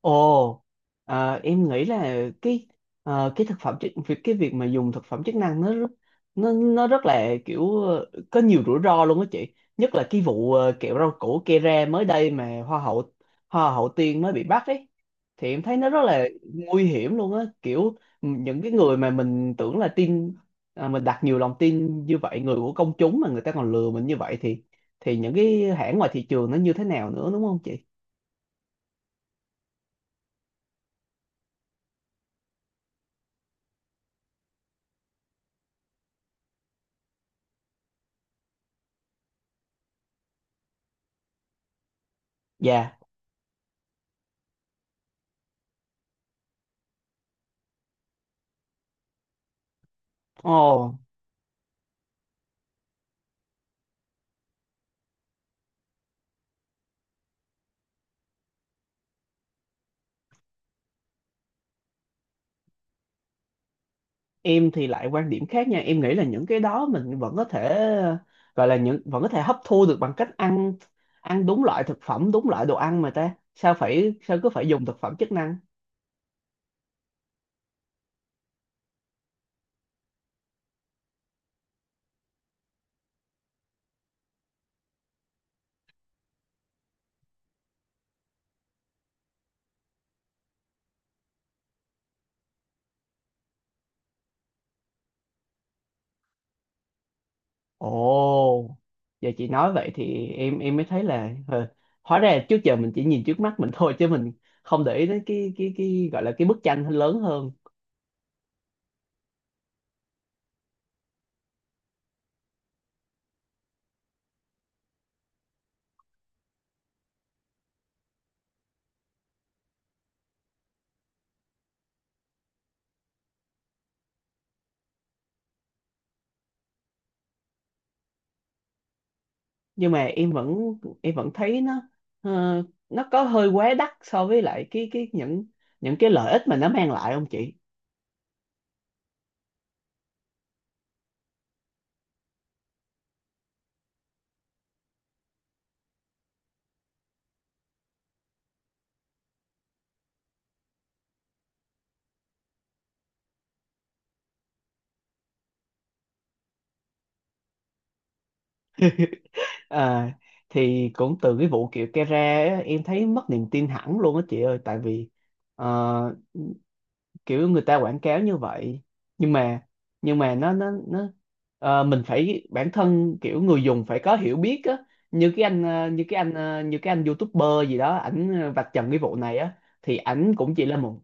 Ồ, em nghĩ là cái việc mà dùng thực phẩm chức năng nó rất là có nhiều rủi ro luôn á chị. Nhất là cái vụ kẹo rau củ Kera mới đây mà hoa hậu Tiên mới bị bắt ấy. Thì em thấy nó rất là nguy hiểm luôn á, kiểu những cái người mà mình tưởng là mình đặt nhiều lòng tin như vậy, người của công chúng mà người ta còn lừa mình như vậy thì những cái hãng ngoài thị trường nó như thế nào nữa đúng không chị? Dạ. Ồ. Em thì lại quan điểm khác nha, em nghĩ là những cái đó mình vẫn có thể gọi là những vẫn có thể hấp thu được bằng cách ăn ăn đúng loại thực phẩm đúng loại đồ ăn, mà ta sao phải sao cứ phải dùng thực phẩm chức năng. Ồ, giờ chị nói vậy thì em mới thấy là hóa ra trước giờ mình chỉ nhìn trước mắt mình thôi, chứ mình không để ý đến cái gọi là cái bức tranh lớn hơn. Nhưng mà em vẫn thấy ờ, nó có hơi quá đắt so với lại cái những cái lợi ích mà nó mang lại không chị? à, thì cũng từ cái vụ kiểu Kera á, em thấy mất niềm tin hẳn luôn á chị ơi. Tại vì ờ, kiểu người ta quảng cáo như vậy, nhưng mà nhưng mà nó nó nó mình phải bản thân kiểu người dùng phải có hiểu biết á. Như như cái anh YouTuber gì đó, vạch trần cái vụ này á. Thì ảnh cũng chỉ là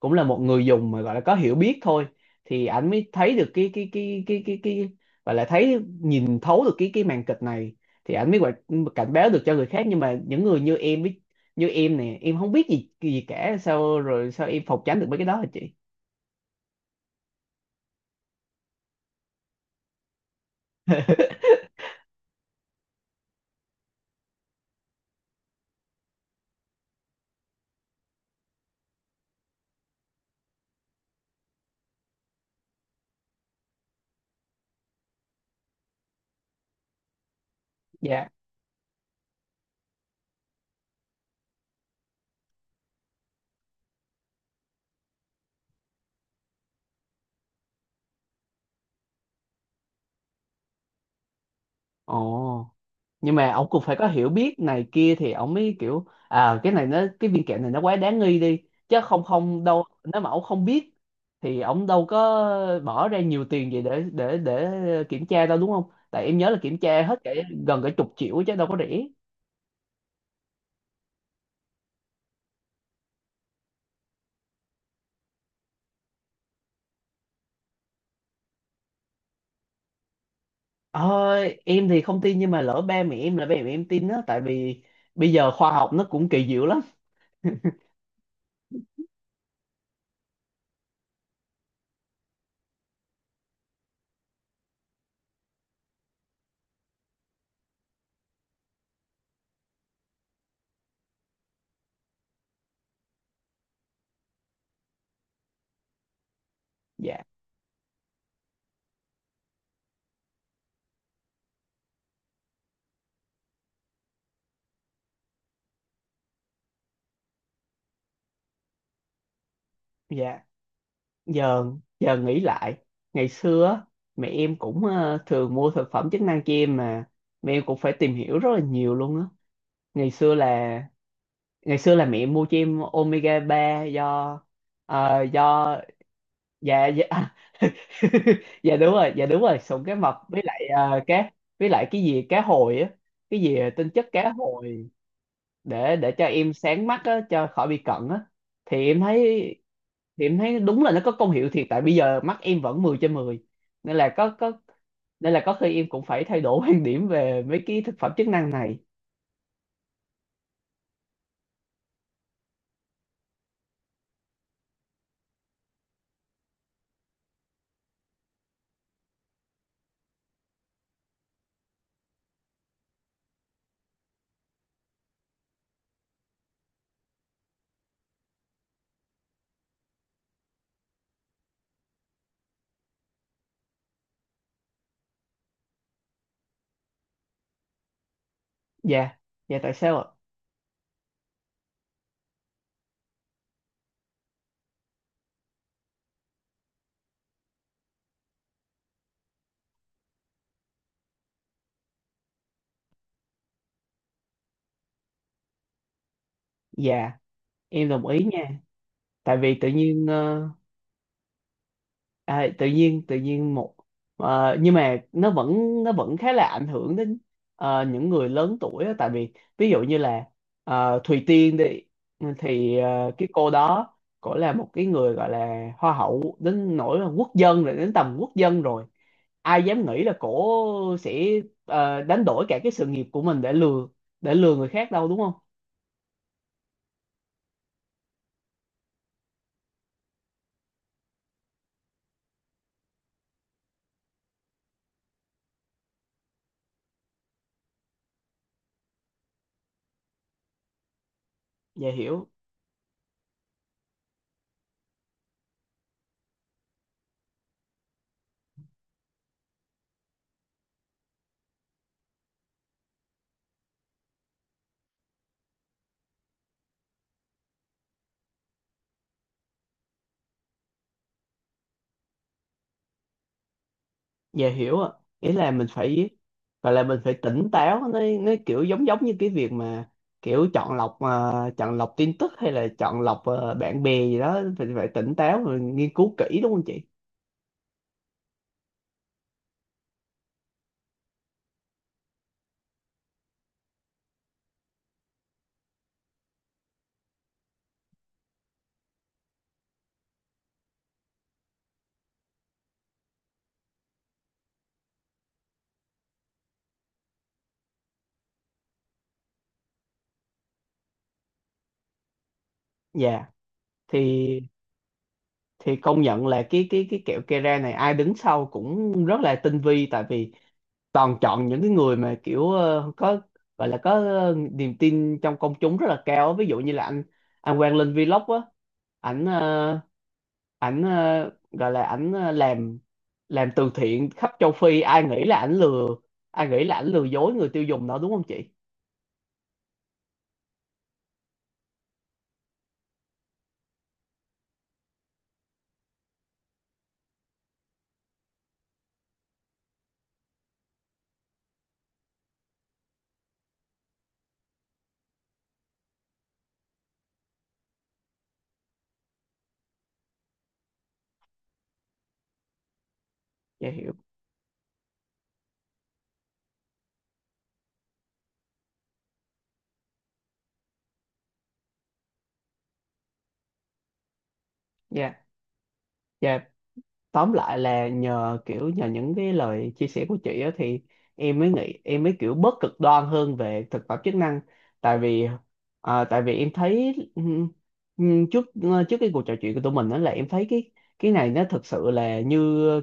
cũng là một người dùng mà gọi là có hiểu biết thôi, thì ảnh mới thấy được cái và lại thấy nhìn thấu được cái màn kịch này, thì ảnh mới cảnh báo được cho người khác. Nhưng mà những người như em nè, em không biết gì gì cả, sao rồi sao em phòng tránh được mấy cái đó hả chị? Dạ. Ồ, nhưng mà ông cũng phải có hiểu biết này kia thì ông mới kiểu à, cái này cái viên kẹo này nó quá đáng nghi đi, chứ không không đâu. Nếu mà ông không biết thì ông đâu có bỏ ra nhiều tiền gì để kiểm tra đâu đúng không? Tại em nhớ là kiểm tra hết gần cả chục triệu chứ đâu có rẻ. Ờ, em thì không tin, nhưng mà lỡ ba mẹ em tin á, tại vì bây giờ khoa học nó cũng kỳ diệu lắm. Dạ. Dạ, giờ giờ nghĩ lại ngày xưa á, mẹ em cũng thường mua thực phẩm chức năng cho em mà, mẹ em cũng phải tìm hiểu rất là nhiều luôn á. ngày xưa là Ngày xưa là mẹ em mua cho em omega ba, do dạ. Dạ dạ đúng rồi, dạ đúng rồi, sụn cá mập với lại ờ, cá với lại cái gì cá hồi á, cái gì tinh chất cá hồi để cho em sáng mắt á, cho khỏi bị cận á. thì em thấy thì em thấy đúng là nó có công hiệu thiệt, tại bây giờ mắt em vẫn 10 trên 10. nên là có có Nên là có khi em cũng phải thay đổi quan điểm về mấy cái thực phẩm chức năng này. Dạ. Dạ, tại sao ạ? Dạ, em đồng ý nha. Tại vì tự nhiên tự nhiên một nhưng mà nó vẫn khá là ảnh hưởng đến những người lớn tuổi á. Tại vì ví dụ như là Thùy Tiên đi, thì cái cô đó, cổ là một cái người gọi là hoa hậu đến nỗi là quốc dân rồi đến tầm quốc dân rồi, ai dám nghĩ là cổ sẽ đánh đổi cả cái sự nghiệp của mình để lừa người khác đâu, đúng không? Dạ hiểu. Dạ hiểu ạ. Nghĩa là mình phải gọi là mình phải tỉnh táo, nó kiểu giống giống như cái việc mà kiểu chọn lọc tin tức, hay là chọn lọc bạn bè gì đó, phải phải tỉnh táo rồi nghiên cứu kỹ đúng không chị? Dạ. thì thì công nhận là cái kẹo Kera này ai đứng sau cũng rất là tinh vi, tại vì toàn chọn những cái người mà kiểu ờ, có gọi là có ờ, niềm tin trong công chúng rất là cao á. Ví dụ như là anh Quang Linh Vlog á, ảnh ờ, ảnh ờ, gọi là ảnh ờ, làm từ thiện khắp châu Phi, ai nghĩ là ảnh ai nghĩ là ảnh lừa dối người tiêu dùng đó, đúng không chị? Dạ hiểu. Dạ. Dạ, tóm lại là nhờ nhờ những cái lời chia sẻ của chị á, thì em mới nghĩ em mới kiểu bớt cực đoan hơn về thực phẩm chức năng. Tại vì tại vì em thấy trước cái cuộc trò chuyện của tụi mình đó, là em thấy cái này nó thực sự là như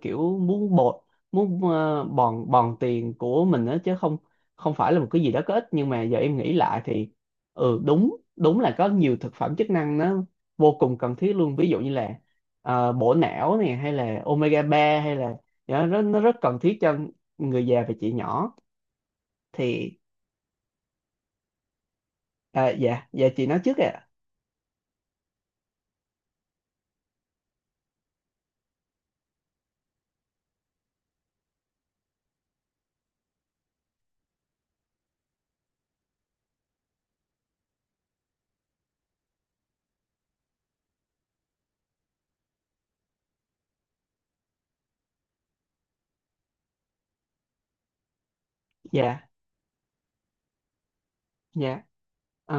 kiểu muốn bột muốn ờ, bòn bòn tiền của mình đó, chứ không không phải là một cái gì đó có ích. Nhưng mà giờ em nghĩ lại thì ừ, đúng đúng là có nhiều thực phẩm chức năng nó vô cùng cần thiết luôn. Ví dụ như là bổ não này, hay là omega ba, hay là dạ, nó rất cần thiết cho người già và chị nhỏ. Thì à, dạ dạ, chị nói trước ạ. Dạ. Dạ. Ờ,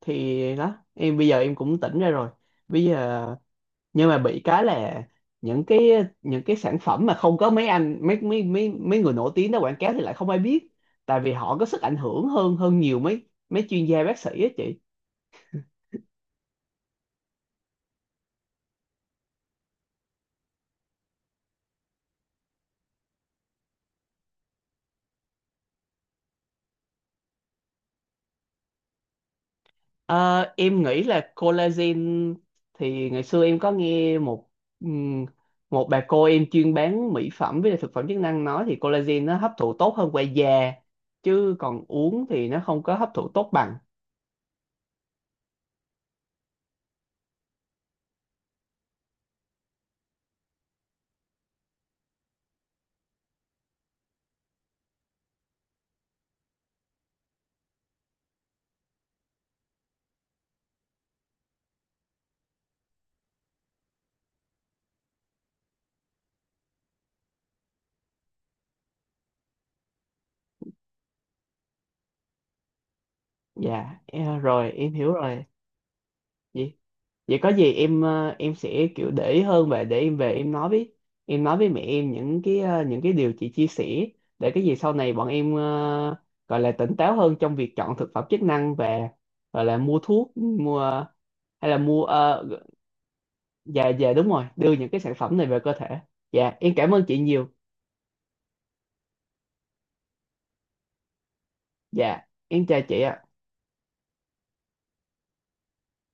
thì đó, em bây giờ em cũng tỉnh ra rồi. Bây giờ Nhưng mà bị cái là những cái những cái sản phẩm mà không có mấy anh mấy mấy mấy mấy người nổi tiếng đó quảng cáo thì lại không ai biết, tại vì họ có sức ảnh hưởng hơn hơn nhiều mấy mấy chuyên gia bác sĩ á chị. Ờ, em nghĩ là collagen thì ngày xưa em có nghe một ừm, một bà cô em chuyên bán mỹ phẩm với lại thực phẩm chức năng nói, thì collagen nó hấp thụ tốt hơn qua da, chứ còn uống thì nó không có hấp thụ tốt bằng. Dạ, rồi em hiểu rồi. Vậy Vậy có gì em em sẽ kiểu để ý hơn, và để em về em nói với mẹ em những cái điều chị chia sẻ, để cái gì sau này bọn em gọi là tỉnh táo hơn trong việc chọn thực phẩm chức năng, và gọi là mua thuốc mua hay là mua ờ, dạ dạ đúng rồi, đưa những cái sản phẩm này về cơ thể. Dạ em cảm ơn chị nhiều. Dạ em chào chị ạ.